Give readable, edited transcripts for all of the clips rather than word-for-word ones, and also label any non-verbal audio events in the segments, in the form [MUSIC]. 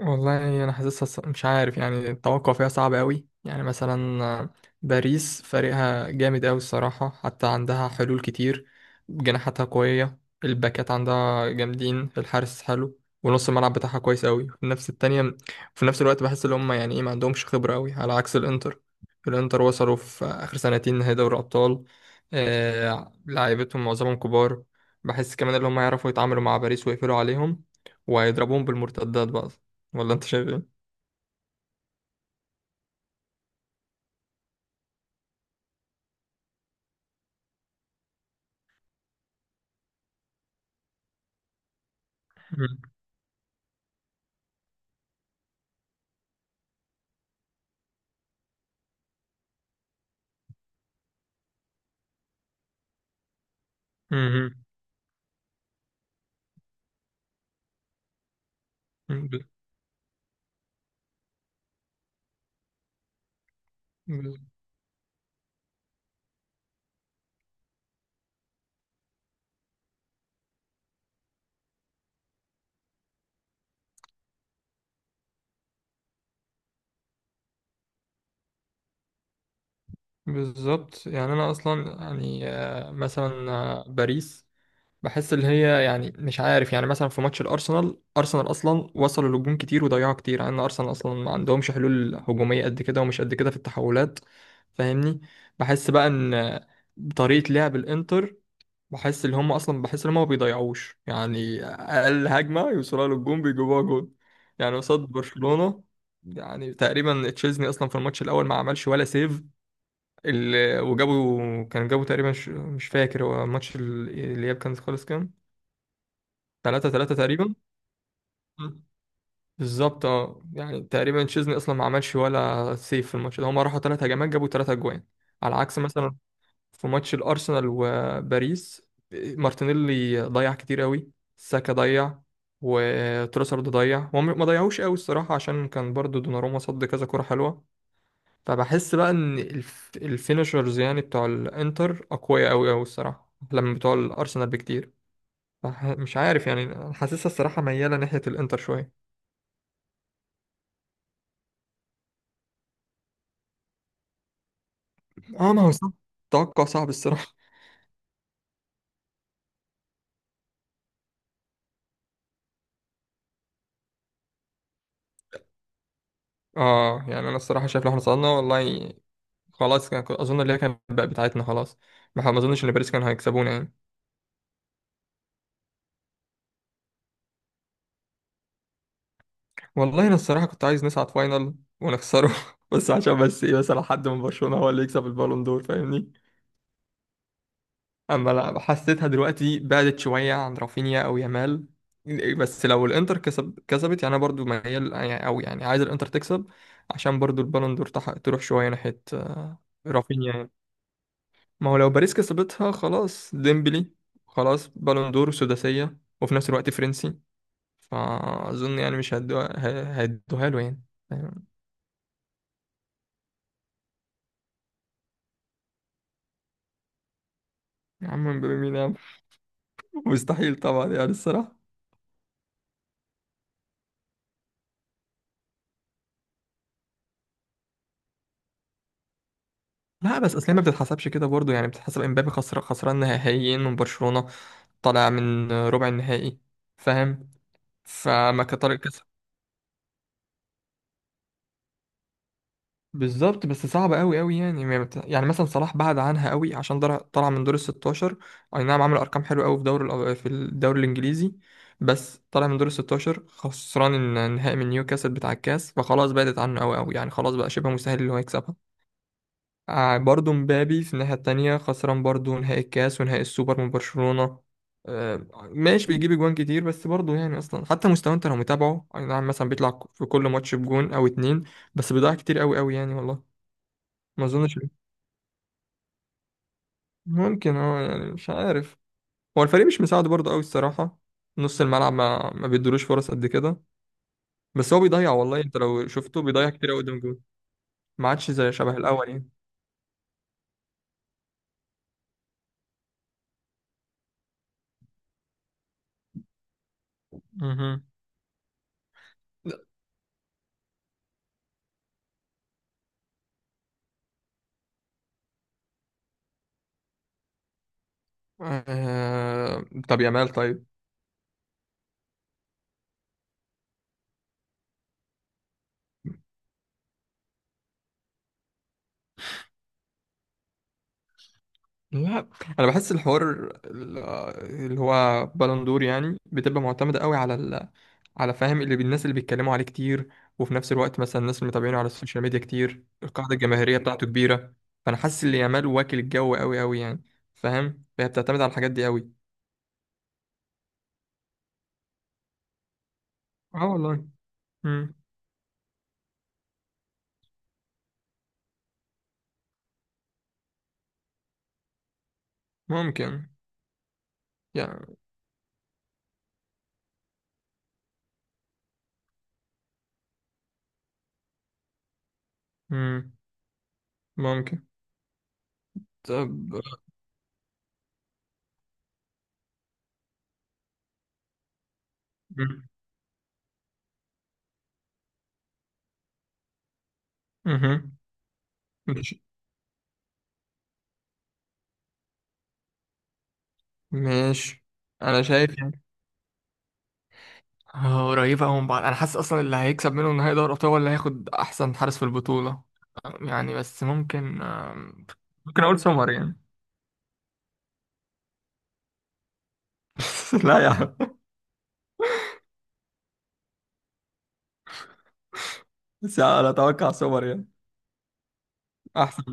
والله انا حاسسها مش عارف يعني التوقع فيها صعب قوي يعني مثلا باريس فريقها جامد قوي الصراحه، حتى عندها حلول كتير، جناحاتها قويه، الباكات عندها جامدين، الحارس حلو، ونص الملعب بتاعها كويس قوي في نفس التانية. في نفس الوقت بحس ان هم يعني ايه ما عندهمش خبره قوي على عكس الانتر. الانتر وصلوا في اخر سنتين نهائي دوري ابطال. آه لعيبتهم معظمهم كبار. بحس كمان ان هم يعرفوا يتعاملوا مع باريس ويقفلوا عليهم، وهيضربوهم بالمرتدات بقى. ولا انت شايف ايه؟ مم. مم. مم. ب- بالظبط يعني انا اصلا يعني مثلا باريس بحس اللي هي يعني مش عارف، يعني مثلا في ماتش الارسنال، ارسنال اصلا وصلوا لهجوم كتير وضيعوا كتير، يعني ارسنال اصلا ما عندهمش حلول هجوميه قد كده، ومش قد كده في التحولات، فاهمني. بحس بقى ان طريقه لعب الانتر، بحس ان هم ما بيضيعوش، يعني اقل هجمه يوصلها للجون بيجيبوها جون. يعني قصاد برشلونه، يعني تقريبا تشيزني اصلا في الماتش الاول ما عملش ولا سيف. وجابوا، جابوا تقريبا مش فاكر، هو ماتش الاياب كان خالص كام؟ 3-3 تقريبا. بالظبط، اه يعني تقريبا تشيزني اصلا ما عملش ولا سيف في الماتش ده، هم راحوا ثلاث هجمات جابوا ثلاث اجوان. على عكس مثلا في ماتش الارسنال وباريس، مارتينيلي ضيع كتير قوي، ساكا ضيع، وتروسارد ضيع، هم ما ضيعوش قوي الصراحه عشان كان برضو دوناروما صد كذا كره حلوه. فبحس بقى ان الفينشرز يعني بتوع الانتر اقوياء قوي قوي الصراحه لما بتوع الارسنال بكتير. مش عارف يعني، حاسسها الصراحه مياله ناحيه الانتر شويه. اه ما هو صعب، توقع صعب الصراحه. اه يعني انا الصراحه شايف لو احنا صعدنا والله خلاص، كنت اظن اللي هي كانت بقى بتاعتنا خلاص. ما اظنش ان باريس كانوا هيكسبونا يعني. والله انا الصراحه كنت عايز نصعد فاينل ونخسره [LAUGHS] بس عشان ايه، مثلا حد من برشلونه هو اللي يكسب البالون دور، فاهمني. اما لا، حسيتها دلوقتي بعدت شويه عن رافينيا او يامال. بس لو الانتر كسبت يعني انا برضو ميال، يعني او يعني عايز الانتر تكسب عشان برضو البالون دور تروح شويه ناحيه رافينيا يعني. ما هو لو باريس كسبتها خلاص ديمبلي، خلاص بالون دور سداسيه وفي نفس الوقت فرنسي، فأظن يعني مش هدوها، هيدوها له يعني. فاهم؟ يا عم مبابي مين يا عم. [LAUGHS] مستحيل طبعا يعني الصراحة. لا بس اصل هي ما بتتحسبش كده برضه يعني، بتتحسب امبابي خسر خسران نهائيين من برشلونة، طالع من ربع النهائي، فاهم؟ فما كان طارق. بالظبط، بس صعبة قوي قوي يعني ما بت- يعني مثلا صلاح بعد عنها قوي عشان طلع من دور ال 16. اي نعم عمل ارقام حلوه قوي في الدوري الانجليزي، بس طلع من دور ال 16 خسران النهائي من نيوكاسل بتاع الكاس، فخلاص بعدت عنه قوي قوي يعني، خلاص بقى شبه مستحيل اللي هو يكسبها. برضه مبابي في الناحية التانية خسران برضه نهائي الكاس ونهائي السوبر من برشلونة. ماشي بيجيب اجوان كتير، بس برضه يعني اصلا حتى مستواه انت لو متابعه، اي نعم مثلا بيطلع في كل ماتش بجون او اتنين، بس بيضيع كتير قوي قوي يعني والله. ما اظنش. ممكن، اه يعني مش عارف، هو الفريق مش مساعده برضه قوي الصراحه، نص الملعب ما بيدولوش فرص قد كده. بس هو بيضيع، والله انت لو شفته بيضيع كتير قوي قدام الجون، ما عادش زي شبه الاول يعني. مهم. طب يامال طيب. لا انا بحس الحوار، ال- اللي هو بالندور يعني بتبقى معتمده قوي على على، فاهم؟ اللي الناس اللي بيتكلموا عليه كتير، وفي نفس الوقت مثلا الناس اللي متابعينه على السوشيال ميديا كتير، القاعده الجماهيريه بتاعته كبيره. فانا حاسس ان يامال واكل الجو قوي قوي يعني، فاهم؟ فهي بتعتمد على الحاجات دي قوي. اه والله. مم. ممكن يعني. مم. ممكن. طب. مم. مهم. ماشي. ماشي، انا شايف قريبة أوي من بعض، أنا حاسس أصلا اللي هيكسب منهم نهائي دوري الأبطال هو اللي هياخد أحسن حارس في البطولة يعني. بس ممكن ممكن أقول سمر يعني. [LAUGHS] لا يا عم، بس انا اتوقع سوبر يعني. احسن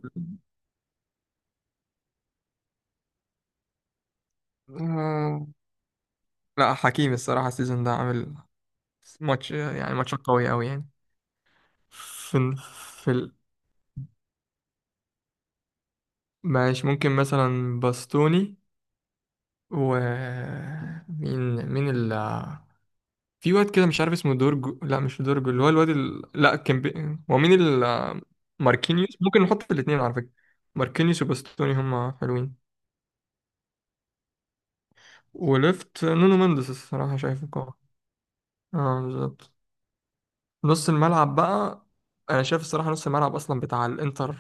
آه، لا، حكيمي الصراحة السيزون ده عامل ماتش، يعني ماتش قوي أوي يعني. في في ال... ماشي ممكن مثلا باستوني، و مين مين، في واد كده مش عارف اسمه دورجو، لا مش دورجو، اللي هو الواد لا كان هو مين ماركينيوس، ممكن نحط الاثنين على فكرة، ماركينيوس وباستوني هما حلوين. وليفت نونو مندس الصراحة شايفه قوي. اه بالظبط. نص الملعب بقى، انا شايف الصراحة نص الملعب اصلا بتاع الانتر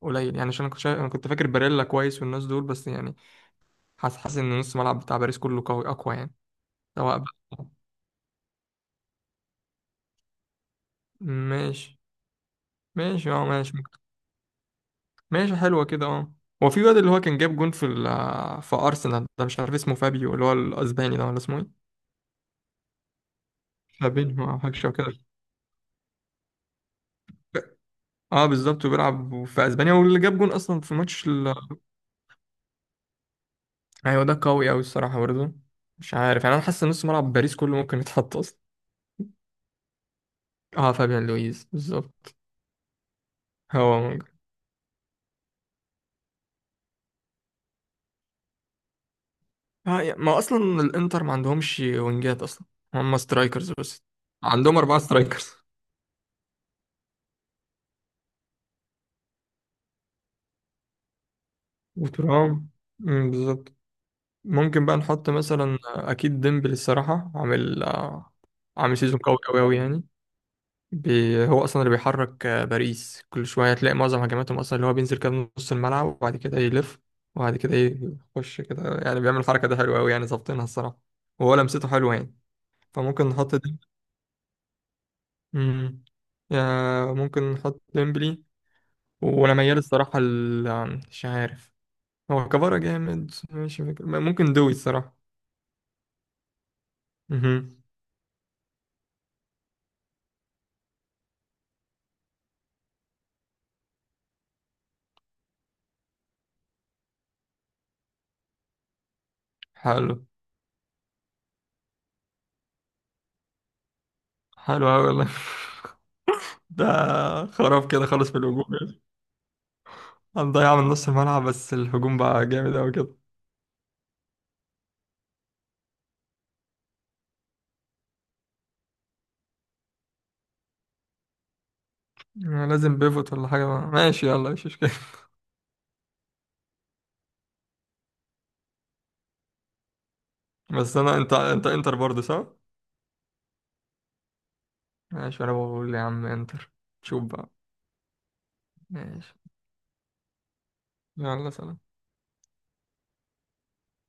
قليل يعني، عشان انا كنت فاكر باريلا كويس والناس دول، بس يعني حاسس ان نص الملعب بتاع باريس كله قوي اقوى يعني. سواء بقى. ماشي. ماشي اه ماشي. ماشي، حلوة كده، اه. هو في واد اللي هو كان جاب جون في ال في أرسنال ده مش عارف اسمه، فابيو اللي هو الأسباني ده ولا اسمه ايه؟ فابينho أو حاجة شبه كده. اه بالظبط، وبيلعب في أسبانيا، واللي جاب جون أصلا في ماتش ال... أيوة ده قوي أوي الصراحة برضه، مش عارف يعني، أنا حاسس إن نص ملعب باريس كله ممكن يتحط أصلا. اه فابيان لويز بالظبط. هو ممكن ما أصلا الإنتر ما عندهمش وينجات أصلا، هم سترايكرز بس، عندهم أربعة سترايكرز وترام. مم، بالظبط. ممكن بقى نحط مثلا اكيد ديمبلي الصراحه، عامل عامل سيزون قوي قوي قوي يعني. بي هو اصلا اللي بيحرك باريس، كل شويه هتلاقي معظم هجماتهم اصلا اللي هو بينزل كده من نص الملعب، وبعد كده يلف، وبعد كده يخش كده، يعني بيعمل الحركه ده حلوه قوي يعني، ظابطينها الصراحه. وهو لمسته حلوه يعني، فممكن نحط دي. مم. يا ممكن نحط ديمبلي، وانا ميال الصراحه مش عارف، هو كفارة جامد، مش فاكر، ممكن دوي الصراحه. مهم. حلو. حلو أوي والله. [LAUGHS] ده خراب كده خالص في الهجوم يعني، هنضيع من نص الملعب بس الهجوم بقى جامد أوي كده. لازم بيفوت ولا حاجة بقى. ماشي يلا مش مشكلة. [LAUGHS] بس أنا، أنت إنتر برضه صح؟ ماشي، أنا بقول يا عم إنتر، شوف بقى. ماشي يلا سلام.